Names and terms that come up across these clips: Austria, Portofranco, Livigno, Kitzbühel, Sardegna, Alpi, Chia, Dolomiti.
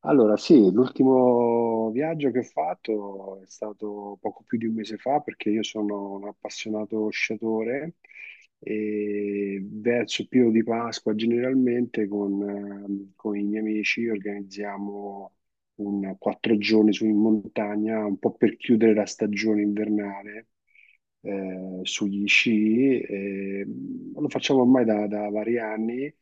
Allora, sì, l'ultimo viaggio che ho fatto è stato poco più di un mese fa perché io sono un appassionato sciatore e verso il periodo di Pasqua generalmente con i miei amici organizziamo un 4 giorni su in montagna, un po' per chiudere la stagione invernale sugli sci. E, lo facciamo ormai da vari anni.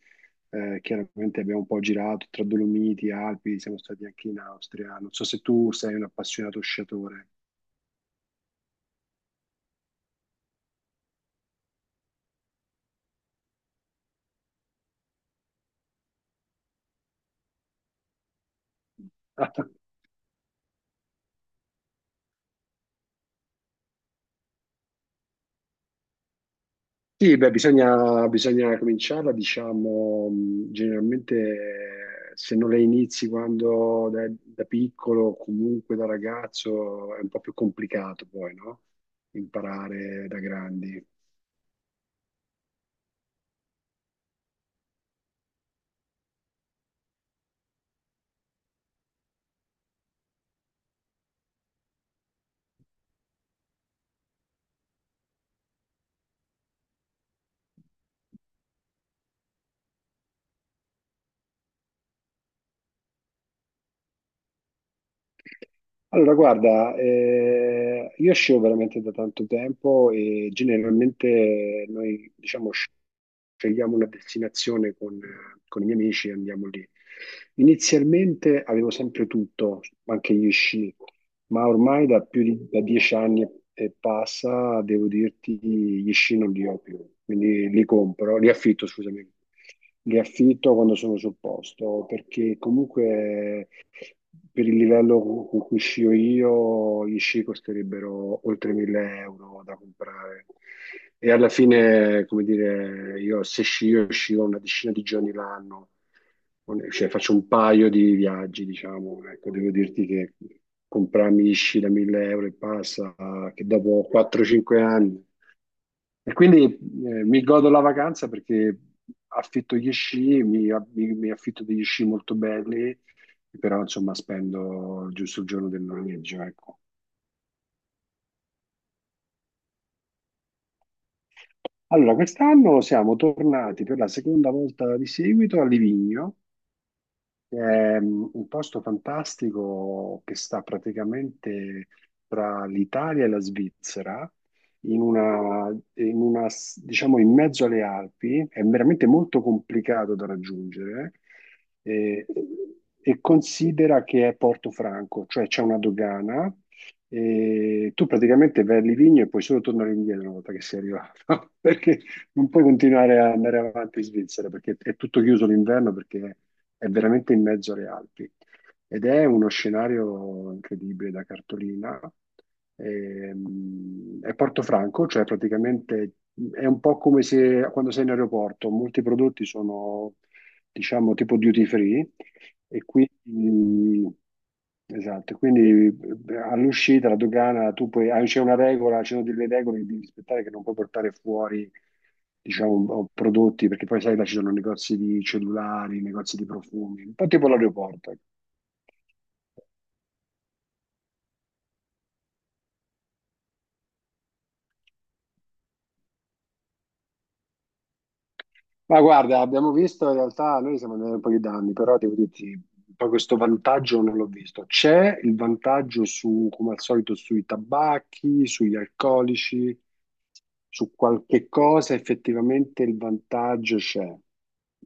Chiaramente abbiamo un po' girato tra Dolomiti, Alpi, siamo stati anche in Austria. Non so se tu sei un appassionato sciatore. Sì, beh, bisogna cominciarla, diciamo, generalmente se non la inizi quando da piccolo o comunque da ragazzo è un po' più complicato poi, no? Imparare da grandi. Allora, guarda, io scio veramente da tanto tempo e generalmente noi, diciamo, scegliamo una destinazione con i miei amici e andiamo lì. Inizialmente avevo sempre tutto, anche gli sci, ma ormai da più di da 10 anni e passa, devo dirti, gli sci non li ho più, quindi li compro, li affitto, scusami, li affitto quando sono sul posto, perché comunque per il livello con cui scio io, gli sci costerebbero oltre 1000 euro da comprare. E alla fine, come dire, io se scio, scio una decina di giorni l'anno. Cioè, faccio un paio di viaggi, diciamo, ecco, devo dirti che comprarmi Ishi da 1000 euro e passa, che dopo 4-5 anni. E quindi mi godo la vacanza perché affitto gli sci, mi affitto degli sci molto belli, però insomma spendo giusto il giorno del noleggio, ecco. Allora, quest'anno siamo tornati per la seconda volta di seguito a Livigno. È un posto fantastico che sta praticamente tra l'Italia e la Svizzera, diciamo in mezzo alle Alpi, è veramente molto complicato da raggiungere. eh, e, considera che è Portofranco, cioè c'è una dogana e tu praticamente vai a Livigno e puoi solo tornare indietro una volta che sei arrivato, perché non puoi continuare a andare avanti in Svizzera perché è tutto chiuso l'inverno perché è veramente in mezzo alle Alpi ed è uno scenario incredibile da cartolina. È Portofranco, cioè praticamente è un po' come se quando sei in aeroporto, molti prodotti sono, diciamo, tipo duty free, e quindi, esatto, quindi all'uscita la dogana tu puoi, ah, c'è una regola, ci sono delle regole che devi rispettare, che non puoi portare fuori, diciamo, prodotti, perché poi sai là ci sono negozi di cellulari, negozi di profumi, un po' tipo l'aeroporto, ecco. Ma guarda, abbiamo visto in realtà, noi siamo andati un po' di anni, però devo dirti, poi questo vantaggio non l'ho visto. C'è il vantaggio su, come al solito, sui tabacchi, sugli alcolici, su qualche cosa effettivamente il vantaggio c'è.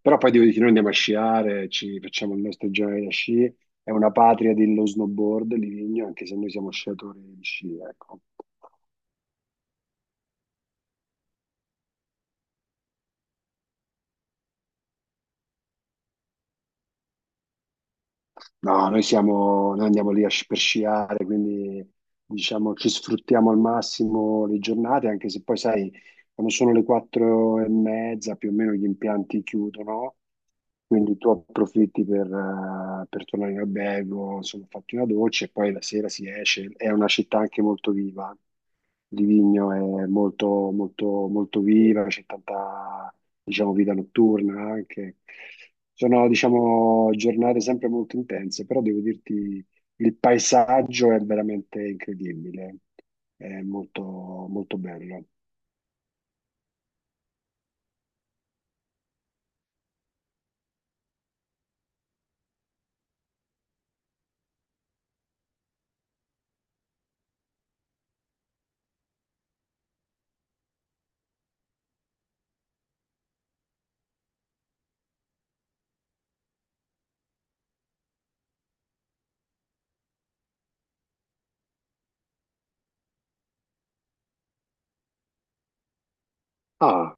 Però poi devo dire che noi andiamo a sciare, ci facciamo il nostro giorno da sci, è una patria dello snowboard, Livigno, anche se noi siamo sciatori di sci, ecco. No, noi siamo, noi andiamo lì a per sciare, quindi diciamo ci sfruttiamo al massimo le giornate, anche se poi sai, quando sono le 4:30 più o meno gli impianti chiudono, quindi tu approfitti per tornare in albergo, insomma, fatti una doccia e poi la sera si esce. È una città anche molto viva. Di Vigno è molto, molto, molto viva, c'è tanta, diciamo, vita notturna anche. Sono, diciamo, giornate sempre molto intense, però devo dirti, il paesaggio è veramente incredibile, è molto, molto bello. Ah,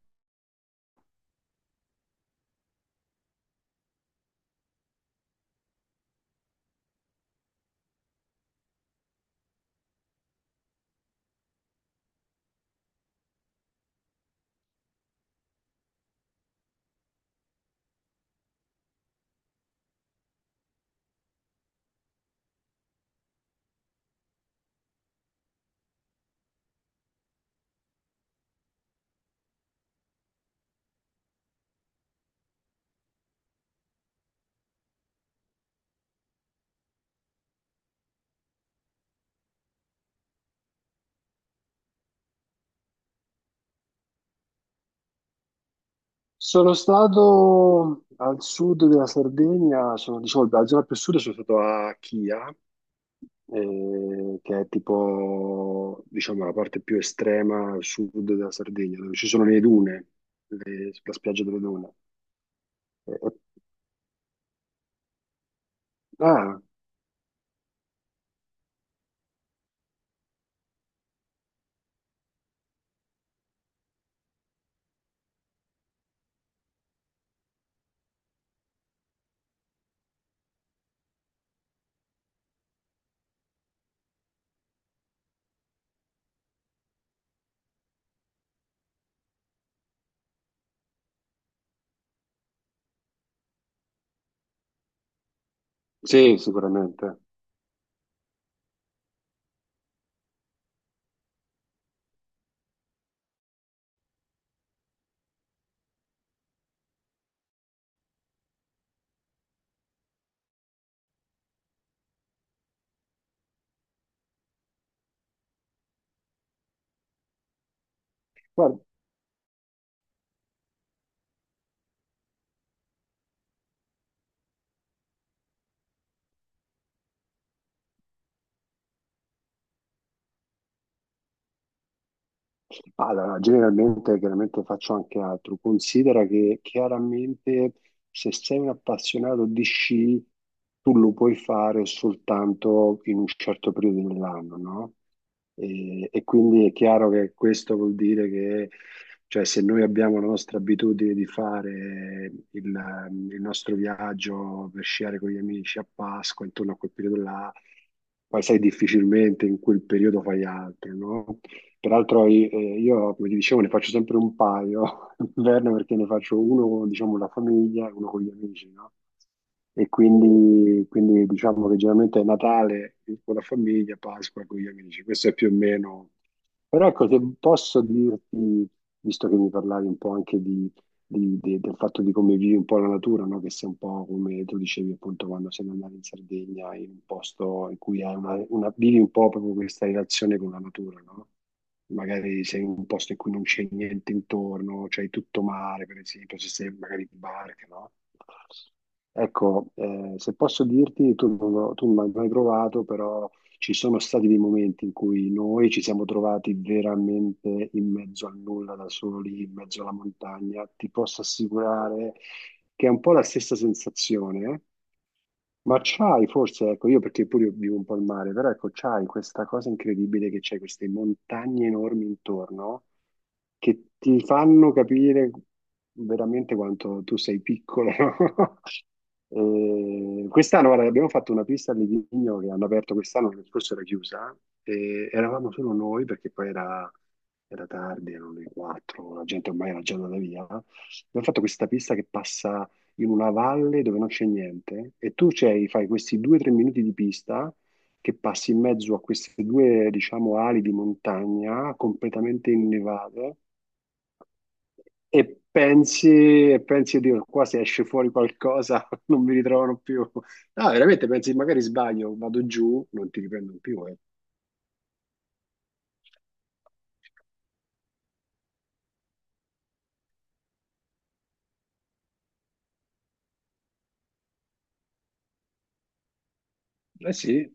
sono stato al sud della Sardegna, sono, diciamo, la zona più a sud sono stato a Chia, che è tipo, diciamo, la parte più estrema a sud della Sardegna, dove ci sono le dune, la spiaggia delle dune. E- e- ah, sì, sicuramente. Guarda, allora, generalmente chiaramente faccio anche altro. Considera che chiaramente se sei un appassionato di sci, tu lo puoi fare soltanto in un certo periodo dell'anno, no? E quindi è chiaro che questo vuol dire che, cioè, se noi abbiamo la nostra abitudine di fare il nostro viaggio per sciare con gli amici a Pasqua, intorno a quel periodo là, poi sai difficilmente in quel periodo fai altro, no? Peraltro io, come ti dicevo, ne faccio sempre un paio d'inverno perché ne faccio uno, diciamo, con la famiglia e uno con gli amici, no? E quindi, quindi diciamo che generalmente è Natale con la famiglia, Pasqua con gli amici. Questo è più o meno. Però ecco, se posso dirti, visto che mi parlavi un po' anche di, del fatto di come vivi un po' la natura, no? Che sei un po' come tu dicevi appunto quando sei andato in Sardegna, in un posto in cui hai vivi un po' proprio questa relazione con la natura, no? Magari sei in un posto in cui non c'è niente intorno, c'hai tutto mare, per esempio, se sei magari in barca, no? Ecco, se posso dirti, tu non l'hai mai provato, però ci sono stati dei momenti in cui noi ci siamo trovati veramente in mezzo al nulla, da soli, in mezzo alla montagna. Ti posso assicurare che è un po' la stessa sensazione, eh? Ma c'hai forse, ecco, io perché pure io vivo un po' al mare, però ecco, c'hai questa cosa incredibile che c'è queste montagne enormi intorno che ti fanno capire veramente quanto tu sei piccolo, no? Quest'anno, guarda, abbiamo fatto una pista a Livigno che hanno aperto quest'anno, che forse era chiusa, e eravamo solo noi perché poi era tardi, erano le 4, la gente ormai era già andata via. Abbiamo fatto questa pista che passa in una valle dove non c'è niente e tu c'hai, fai questi 2 o 3 minuti di pista che passi in mezzo a queste due, diciamo, ali di montagna completamente innevate, e pensi, e pensi, Dio, qua se esce fuori qualcosa non mi ritrovano più. No, veramente pensi, magari sbaglio, vado giù, non ti riprendono più. Eh sì,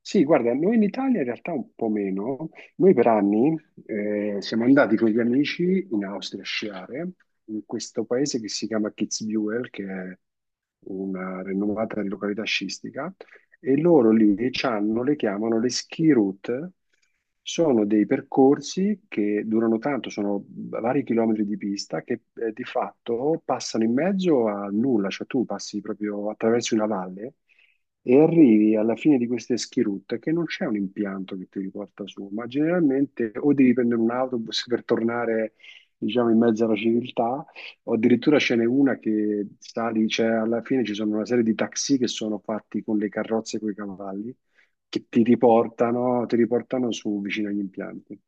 sì, guarda, noi in Italia in realtà un po' meno. Noi per anni siamo andati con gli amici in Austria a sciare, in questo paese che si chiama Kitzbühel, che è una rinomata località sciistica, e loro lì c'hanno, le chiamano le ski route. Sono dei percorsi che durano tanto, sono vari chilometri di pista che di fatto passano in mezzo a nulla, cioè tu passi proprio attraverso una valle e arrivi alla fine di questa schirutta che non c'è un impianto che ti riporta su, ma generalmente o devi prendere un autobus per tornare, diciamo, in mezzo alla civiltà, o addirittura ce n'è una che sali, cioè alla fine ci sono una serie di taxi che sono fatti con le carrozze e coi cavalli, che ti riportano su vicino agli impianti.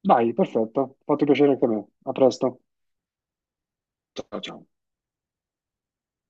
Dai, perfetto, fatto piacere anche a me. A presto. Ciao, ciao.